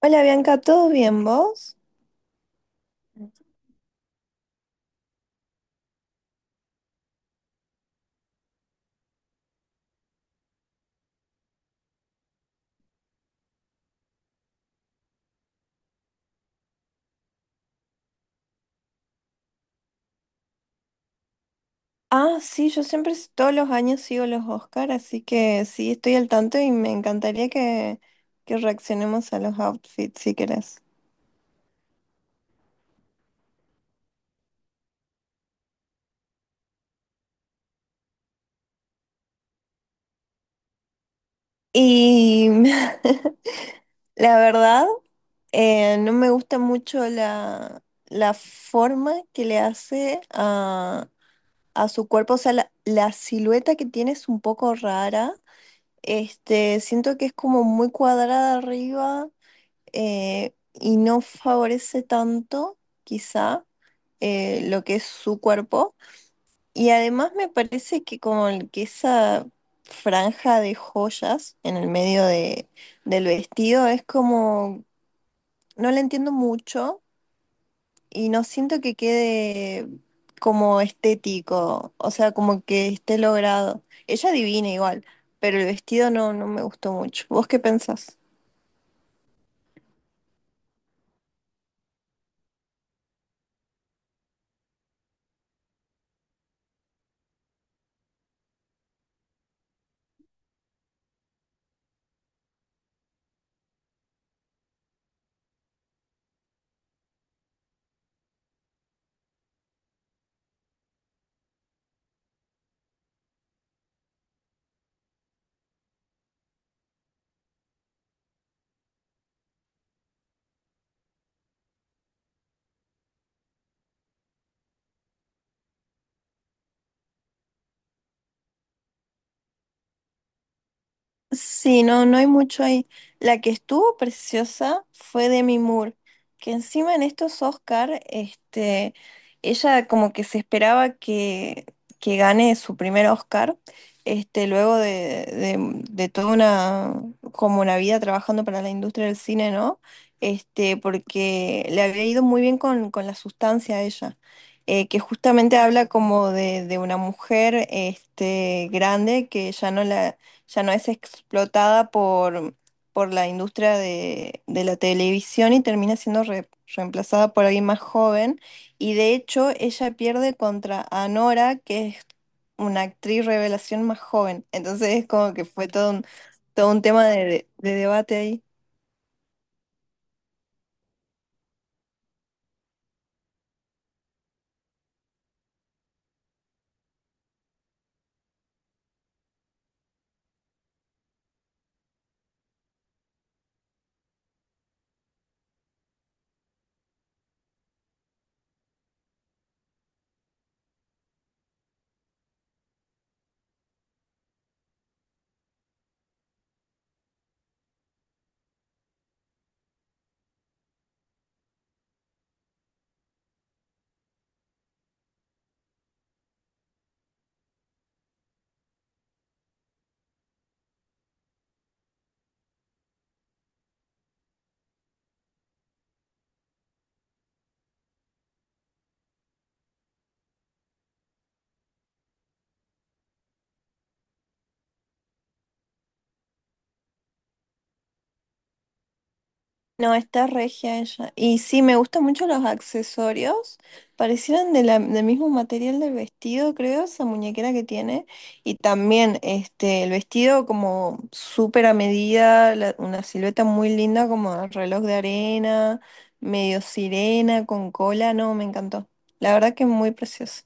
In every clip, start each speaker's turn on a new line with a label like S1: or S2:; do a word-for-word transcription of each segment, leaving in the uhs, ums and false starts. S1: Hola Bianca, ¿todo bien vos? Ah, sí, yo siempre s- todos los años sigo los Oscar, así que sí, estoy al tanto y me encantaría que, que reaccionemos a los outfits si querés. Y la verdad, eh, no me gusta mucho la, la forma que le hace a, a su cuerpo, o sea, la, la silueta que tiene es un poco rara. Este, siento que es como muy cuadrada arriba eh, y no favorece tanto, quizá, eh, lo que es su cuerpo. Y además me parece que como el- que esa franja de joyas en el medio de, del vestido es como, no la entiendo mucho y no siento que quede como estético, o sea, como que esté logrado. Ella divina igual, pero el vestido no, no me gustó mucho. ¿Vos qué pensás? Sí, no, no hay mucho ahí. La que estuvo preciosa fue Demi Moore, que encima en estos Oscar, este, ella como que se esperaba que, que gane su primer Oscar, este, luego de, de, de toda una, como una vida trabajando para la industria del cine, ¿no? Este, porque le había ido muy bien con, con la sustancia a ella. Eh, que justamente habla como de, de una mujer este, grande que ya no la, ya no es explotada por, por la industria de, de la televisión y termina siendo re- reemplazada por alguien más joven. Y de hecho, ella pierde contra Anora, que es una actriz revelación más joven. Entonces es como que fue todo un, todo un tema de, de debate ahí. No, está regia ella. Y sí, me gustan mucho los accesorios. Parecieran de la- del mismo material del vestido, creo, esa muñequera que tiene. Y también este, el vestido como súper a medida, la- una silueta muy linda como reloj de arena, medio sirena, con cola. No, me encantó. La verdad que muy precioso.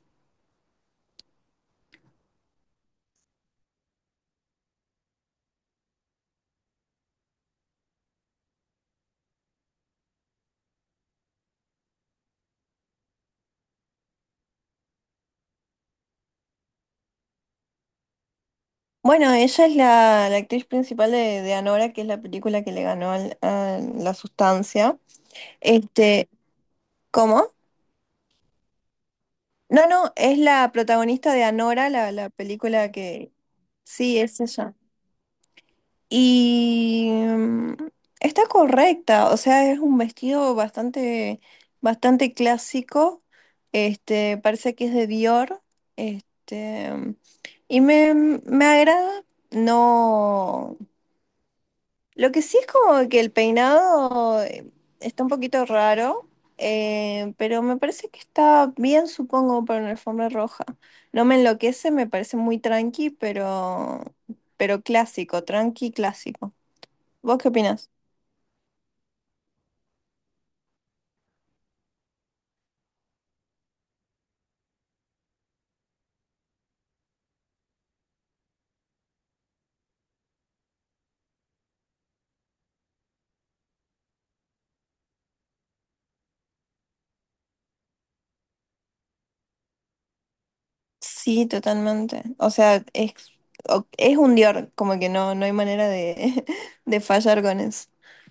S1: Bueno, ella es la, la actriz principal de, de Anora, que es la película que le ganó al- a la sustancia. Este, ¿cómo? No, no, es la protagonista de Anora, la, la película que... Sí, es ella. Y mm, está correcta, o sea, es un vestido bastante, bastante clásico. Este, parece que es de Dior. Este, y me, me agrada. No. Lo que sí es como que el peinado eh, está un poquito raro, eh, pero me parece que está bien, supongo, para una alfombra roja. No me enloquece, me parece muy tranqui, pero, pero clásico, tranqui clásico. ¿Vos qué opinás? Sí, totalmente. O sea, es, o- es un Dior, como que no, no hay manera de, de fallar con eso.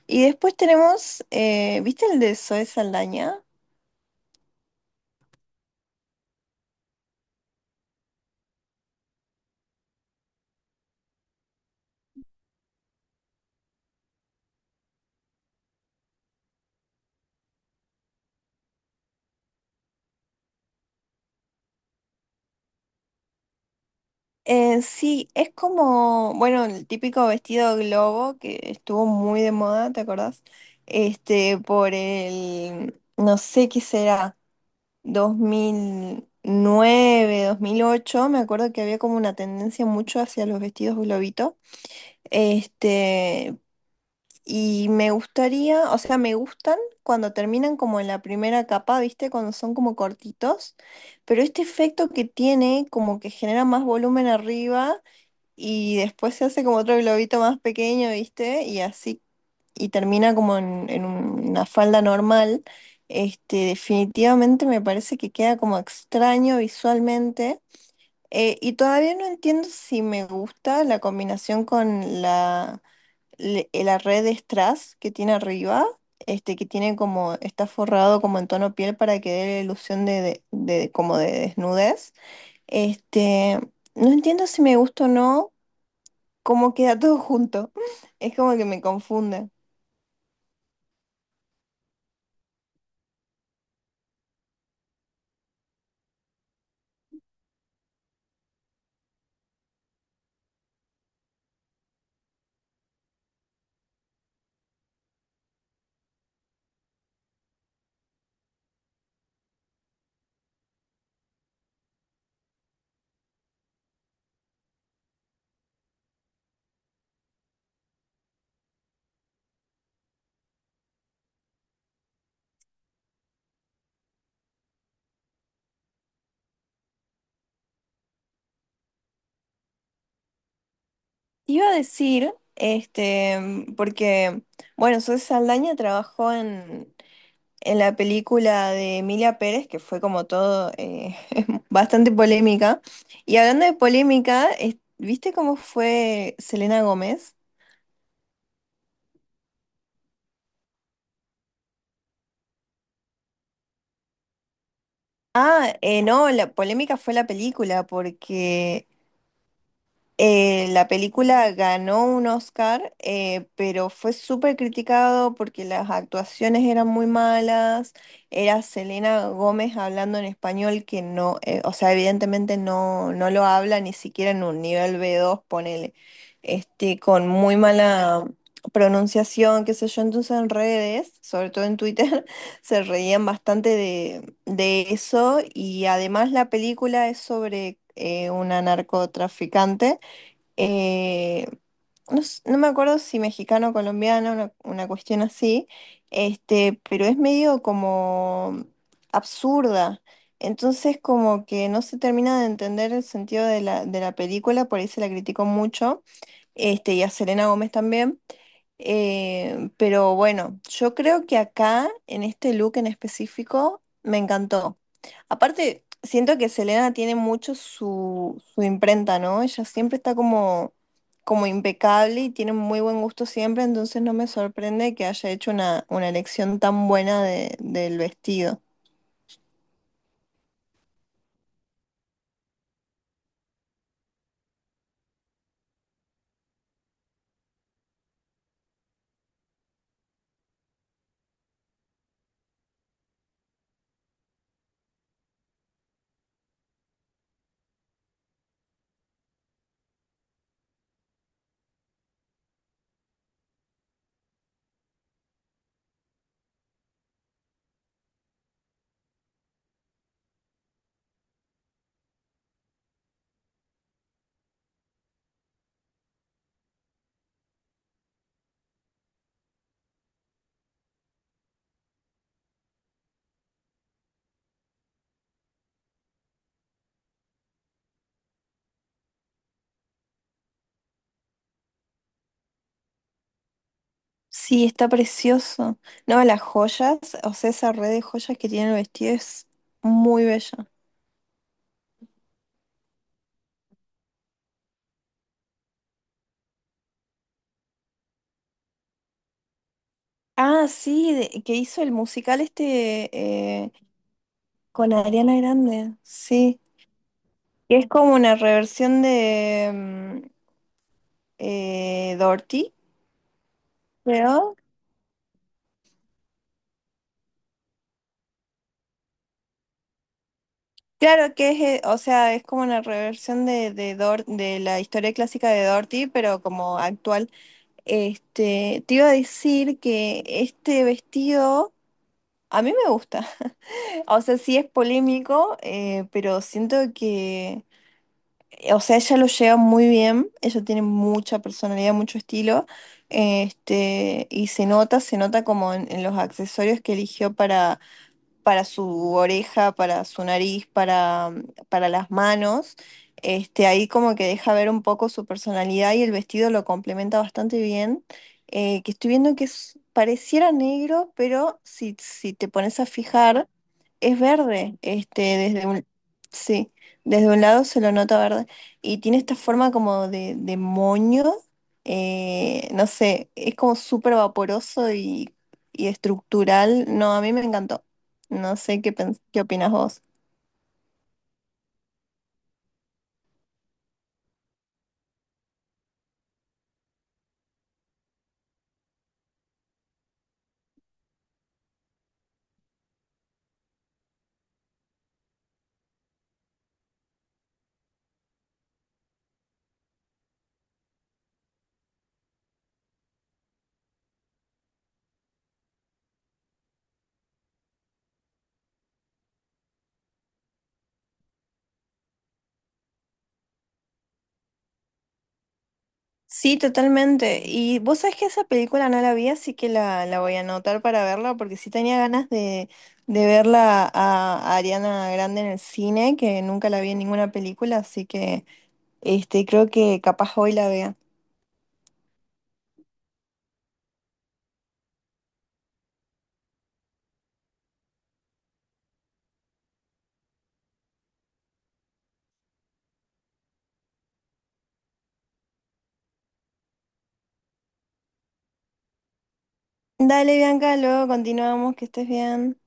S1: Y después tenemos, eh, ¿viste el de Zoe Saldaña? Eh, sí, es como, bueno, el típico vestido globo que estuvo muy de moda, ¿te acordás? Este, por el, no sé qué será, dos dos mil nueve dos mil ocho, me acuerdo que había como una tendencia mucho hacia los vestidos globito. Este, y me gustaría, o sea, me gustan cuando terminan como en la primera capa, ¿viste? Cuando son como cortitos, pero este efecto que tiene como que genera más volumen arriba y después se hace como otro globito más pequeño, ¿viste? Y así, y termina como en, en una falda normal. Este, definitivamente me parece que queda como extraño visualmente. Eh, y todavía no entiendo si me gusta la combinación con la, le- eh, la red de strass que tiene arriba, este, que tiene como, está forrado como en tono piel para que dé la ilusión de, de, de- como de desnudez. Este, no entiendo si me gusta o no como queda todo junto. Es como que me confunde. Te Iba a decir, este, porque, bueno, Zoe Saldaña trabajó en, en la película de Emilia Pérez, que fue como todo eh, bastante polémica. Y hablando de polémica, es- ¿viste cómo fue Selena Gómez? Ah, eh, no, la polémica fue la película, porque eh, la película ganó un Oscar, eh, pero fue súper criticado porque las actuaciones eran muy malas. Era Selena Gómez hablando en español que no, eh, o sea, evidentemente no, no lo habla ni siquiera en un nivel be dos, ponele, este, con muy mala pronunciación, qué sé yo. Entonces en redes, sobre todo en Twitter, se reían bastante de, de eso y además la película es sobre eh, una narcotraficante eh, no, s- no me acuerdo si mexicano o colombiano, una, una cuestión así, este, pero es medio como absurda. Entonces como que no se termina de entender el sentido de la, de la película, por ahí se la criticó mucho, este, y a Selena Gómez también. Eh, pero bueno, yo creo que acá, en este look en específico, me encantó. Aparte, siento que Selena tiene mucho su, su imprenta, ¿no? Ella siempre está como, como impecable y tiene muy buen gusto siempre, entonces no me sorprende que haya hecho una, una elección tan buena de- del vestido. Sí, está precioso. No, las joyas, o sea, esa red de joyas que tiene el vestido es muy bella. Ah, sí, de- que hizo el musical este eh, con Ariana Grande, sí. Que es como una reversión de, eh, Dorothy, creo. Claro que es, eh, o sea, es como una reversión de, de, Dor- de la historia clásica de Dorothy, pero como actual. Este, te iba a decir que este vestido a mí me gusta. O sea, sí es polémico, eh, pero siento que, eh, o sea, ella lo lleva muy bien, ella tiene mucha personalidad, mucho estilo, este, y se nota, se nota como en, en los accesorios que eligió para para su oreja, para su nariz, para, para las manos. Este, ahí como que deja ver un poco su personalidad y el vestido lo complementa bastante bien. Eh, que estoy viendo que es- pareciera negro, pero si, si te pones a fijar, es verde. Este, desde un, sí, desde un lado se lo nota verde. Y tiene esta forma como de, de moño. Eh, no sé, es como súper vaporoso y y estructural. No, a mí me encantó. No sé qué, pens- qué opinas vos. Sí, totalmente. Y vos sabés que esa película no la vi, así que la, la voy a anotar para verla, porque sí tenía ganas de, de verla a, a Ariana Grande en el cine, que nunca la vi en ninguna película, así que este, creo que capaz hoy la vea. Dale, Bianca, luego continuamos, que estés bien.